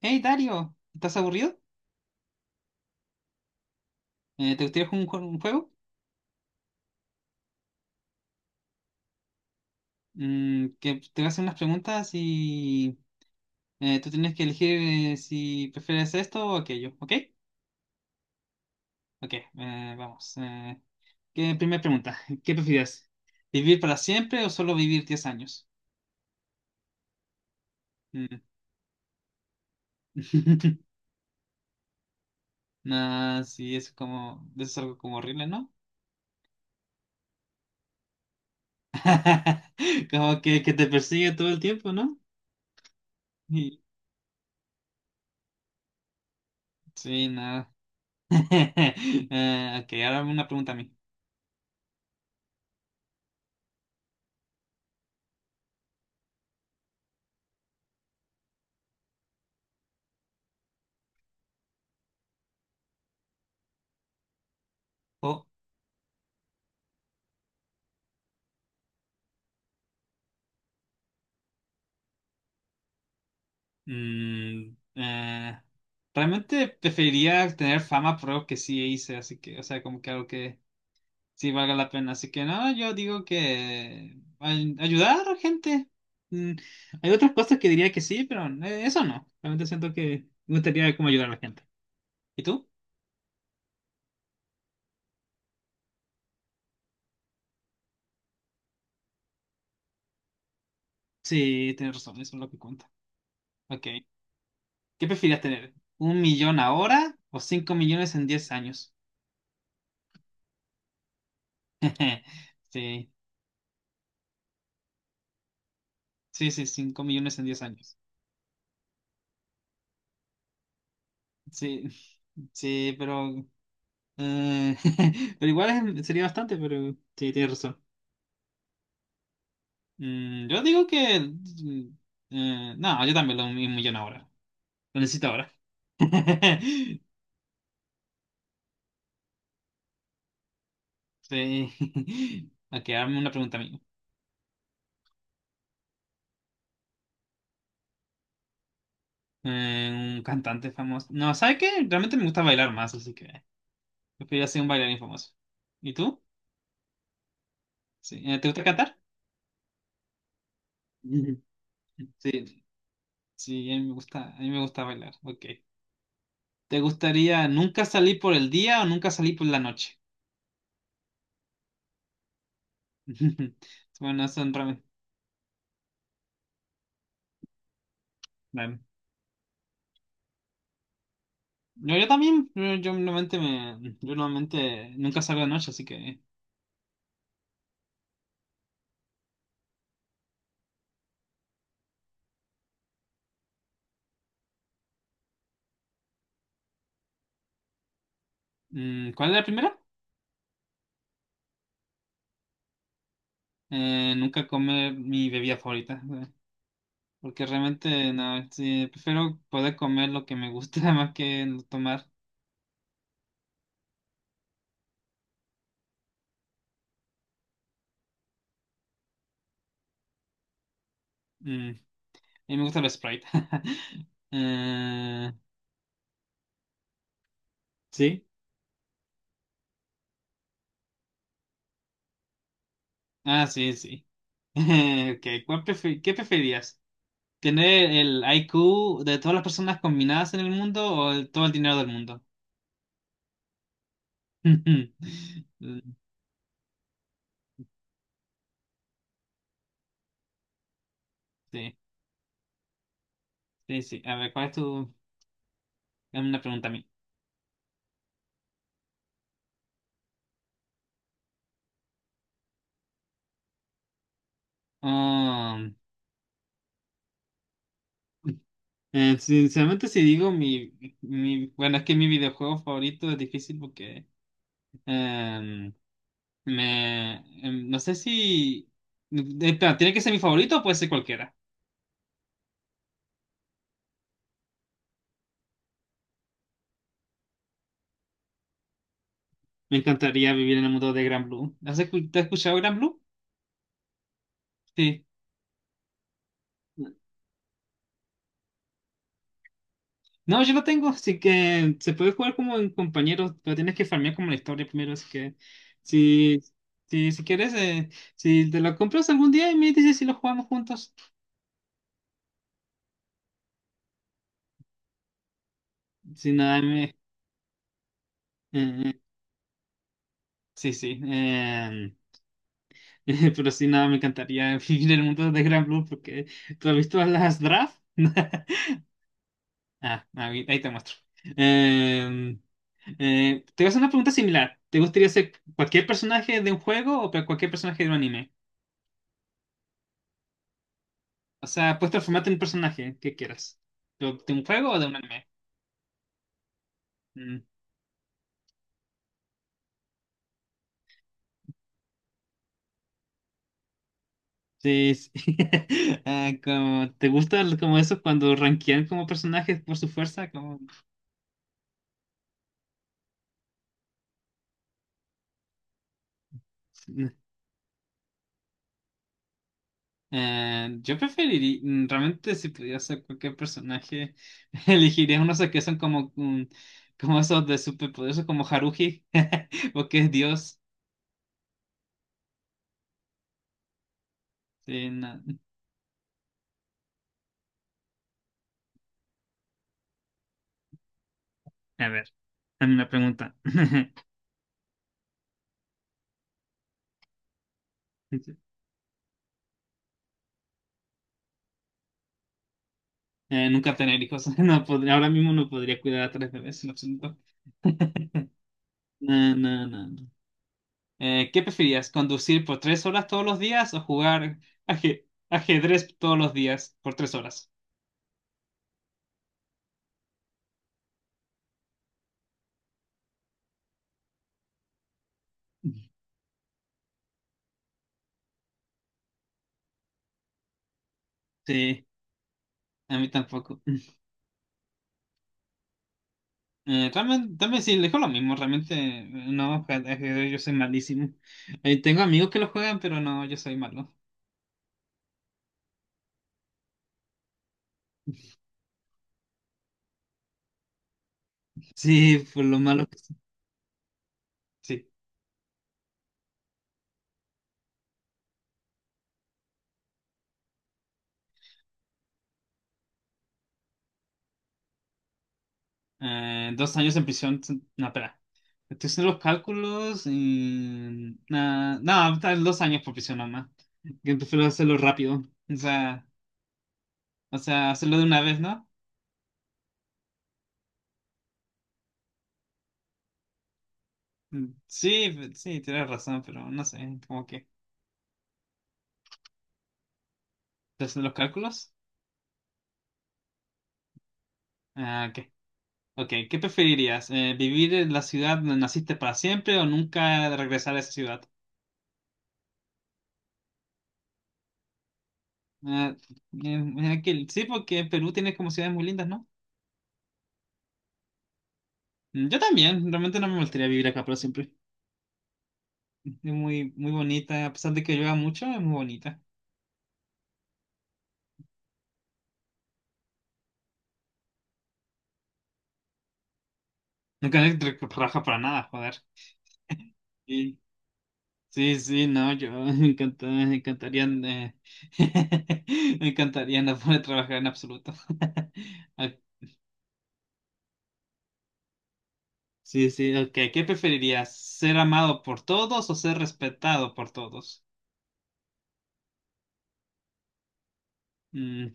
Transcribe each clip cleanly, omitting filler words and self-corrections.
Hey Dario, ¿estás aburrido? ¿Te gustaría jugar un juego? Que te voy a hacer unas preguntas y tú tienes que elegir, si prefieres esto o aquello, ¿ok? Ok, vamos. Primera pregunta, ¿qué prefieres? ¿Vivir para siempre o solo vivir 10 años? Mm. Nah, sí, es como, es algo como horrible, ¿no? Como que te persigue todo el tiempo, ¿no? Y- sí, nada. Ok, ahora una pregunta a mí. Mm, eh, realmente preferiría tener fama por algo que sí hice, así que, o sea, como que algo que sí valga la pena. Así que no, yo digo que ayudar a gente. Mm, hay otras cosas que diría que sí, pero eso no. Realmente siento que me gustaría como ayudar a la gente. ¿Y tú? Sí, tienes razón, eso es lo que cuenta. Ok. ¿Qué preferirías tener? ¿Un millón ahora o 5 millones en 10 años? Sí, sí, sí, 5 millones en 10 años. Sí. Sí, pero Eh, pero igual sería bastante, pero sí, tienes razón. Yo digo que... no, yo también lo mismo millón ahora. Lo necesito ahora. Sí. Ok, hazme una pregunta, amigo. Un cantante famoso. No, ¿sabes qué? Realmente me gusta bailar más, así que preferiría ser un bailarín famoso. ¿Y tú? Sí. ¿Te gusta cantar? Ujú. Sí, sí, a mí me gusta bailar. Ok. ¿Te gustaría nunca salir por el día o nunca salir por la noche? Bueno, son ramen. Ramen. Yo también, yo normalmente yo normalmente nunca salgo de noche, así que. ¿Cuál es la primera? Nunca comer mi bebida favorita, porque realmente no, sí, prefiero poder comer lo que me gusta más que tomar. A mí me gusta el Sprite. Eh, ¿sí? Ah, sí, sí. Okay, ¿qué preferías? ¿Tener el IQ de todas las personas combinadas en el mundo o todo el dinero del mundo? Sí, sí, sí. A ver, ¿cuál es tu...? Dame una pregunta a mí. Ah, sinceramente, si digo mi... Bueno, es que mi videojuego favorito es difícil porque... em, me... no sé si... Espera, ¿tiene que ser mi favorito o puede ser cualquiera? Me encantaría vivir en el mundo de Gran Blue. ¿Te has escuchado Gran Blue? Sí. No, yo lo tengo, así que se puede jugar como en compañeros, pero tienes que farmear como la historia primero, así que si, si quieres, si te lo compras algún día y me dices si lo jugamos juntos. Si nada, me... eh, sí, sí. Pero si nada, me encantaría vivir el mundo de Gran Blue porque tú has visto las draft. Ah, ahí te muestro. Eh, te voy a hacer una pregunta similar. ¿Te gustaría ser cualquier personaje de un juego o cualquier personaje de un anime? O sea, puedes transformarte en un personaje que quieras. ¿De un juego o de un anime? Mm, Sí, sí. Ah, como, ¿te gusta como eso cuando rankean como personajes por su fuerza? Como... mm. Yo preferiría, realmente si pudiera ser cualquier personaje, elegiría unos que son como, como esos de superpoderosos como Haruhi, porque es Dios. Sí, no. A ver, a mí me pregunta. Nunca tener hijos. No podría, ahora mismo no podría cuidar a tres bebés en absoluto. No, no, no. No. ¿Qué preferías? ¿Conducir por 3 horas todos los días o jugar aje- ajedrez todos los días por 3 horas? Sí, a mí tampoco. Realmente, también sí, le digo lo mismo. Realmente, no, ajedrez yo soy malísimo. Tengo amigos que lo juegan, pero no, yo soy malo. Sí, por lo malo que soy. Sí. 2 años en prisión. No, espera. Estoy haciendo los cálculos y... nada no, tal vez 2 años por prisión nomás. Que prefiero hacerlo rápido. O sea, hacerlo de una vez, ¿no? Sí, sí, tienes razón, pero no sé, como que... ¿Estoy haciendo los cálculos? Ah, ok. Ok, ¿qué preferirías? ¿Vivir en la ciudad donde naciste para siempre o nunca regresar a esa ciudad? Ah, sí, porque Perú tiene como ciudades muy lindas, ¿no? Yo también, realmente no me gustaría vivir acá para siempre. Es muy, muy bonita, a pesar de que llueva mucho, es muy bonita. Nunca me trabaja para nada, joder. Sí, sí, sí, no, yo me encantaría, me encantaría no poder trabajar en absoluto. Ah, sí, sí, ok. ¿Qué preferirías? ¿Ser amado por todos o ser respetado por todos? Mm,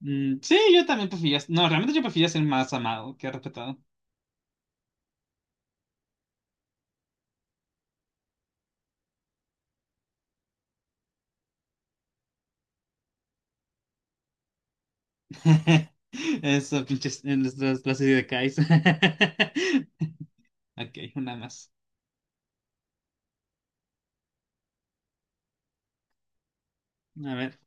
sí, yo también prefería, no, realmente yo prefería ser más amado que respetado. Eso, pinches, en las ideas de Kais. Ok, una más. A ver.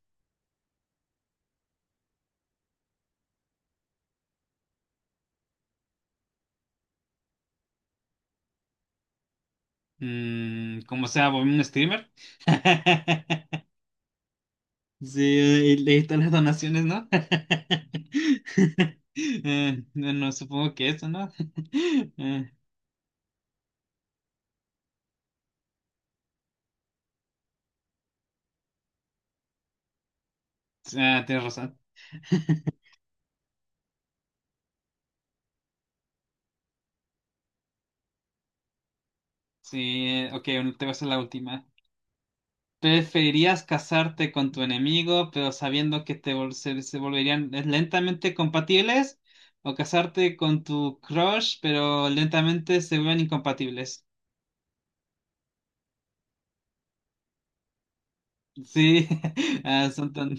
Como sea, voy un streamer. Sí, y le están las donaciones, ¿no? No, no, supongo que eso, ¿no? Eh, ah, tienes razón. Sí, ok, bueno, te voy a hacer la última. ¿Preferirías casarte con tu enemigo, pero sabiendo que se volverían lentamente compatibles? ¿O casarte con tu crush, pero lentamente se vuelven incompatibles? Sí, ah,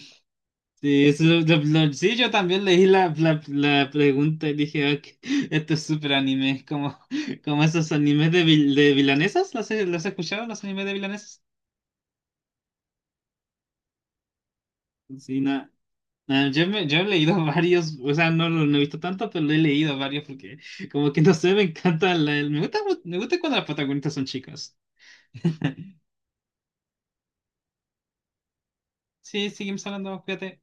sí, eso sí, yo también leí la pregunta y dije, "Ok, esto es súper anime, como, como esos animes de, de vilanesas, los has escuchado, los animes de vilanesas? Sí, nada. Yo he leído varios, o sea, no lo no he visto tanto, pero he leído varios porque como que no sé, me gusta, me gusta cuando las protagonistas son chicas. Sí, seguimos hablando, cuídate.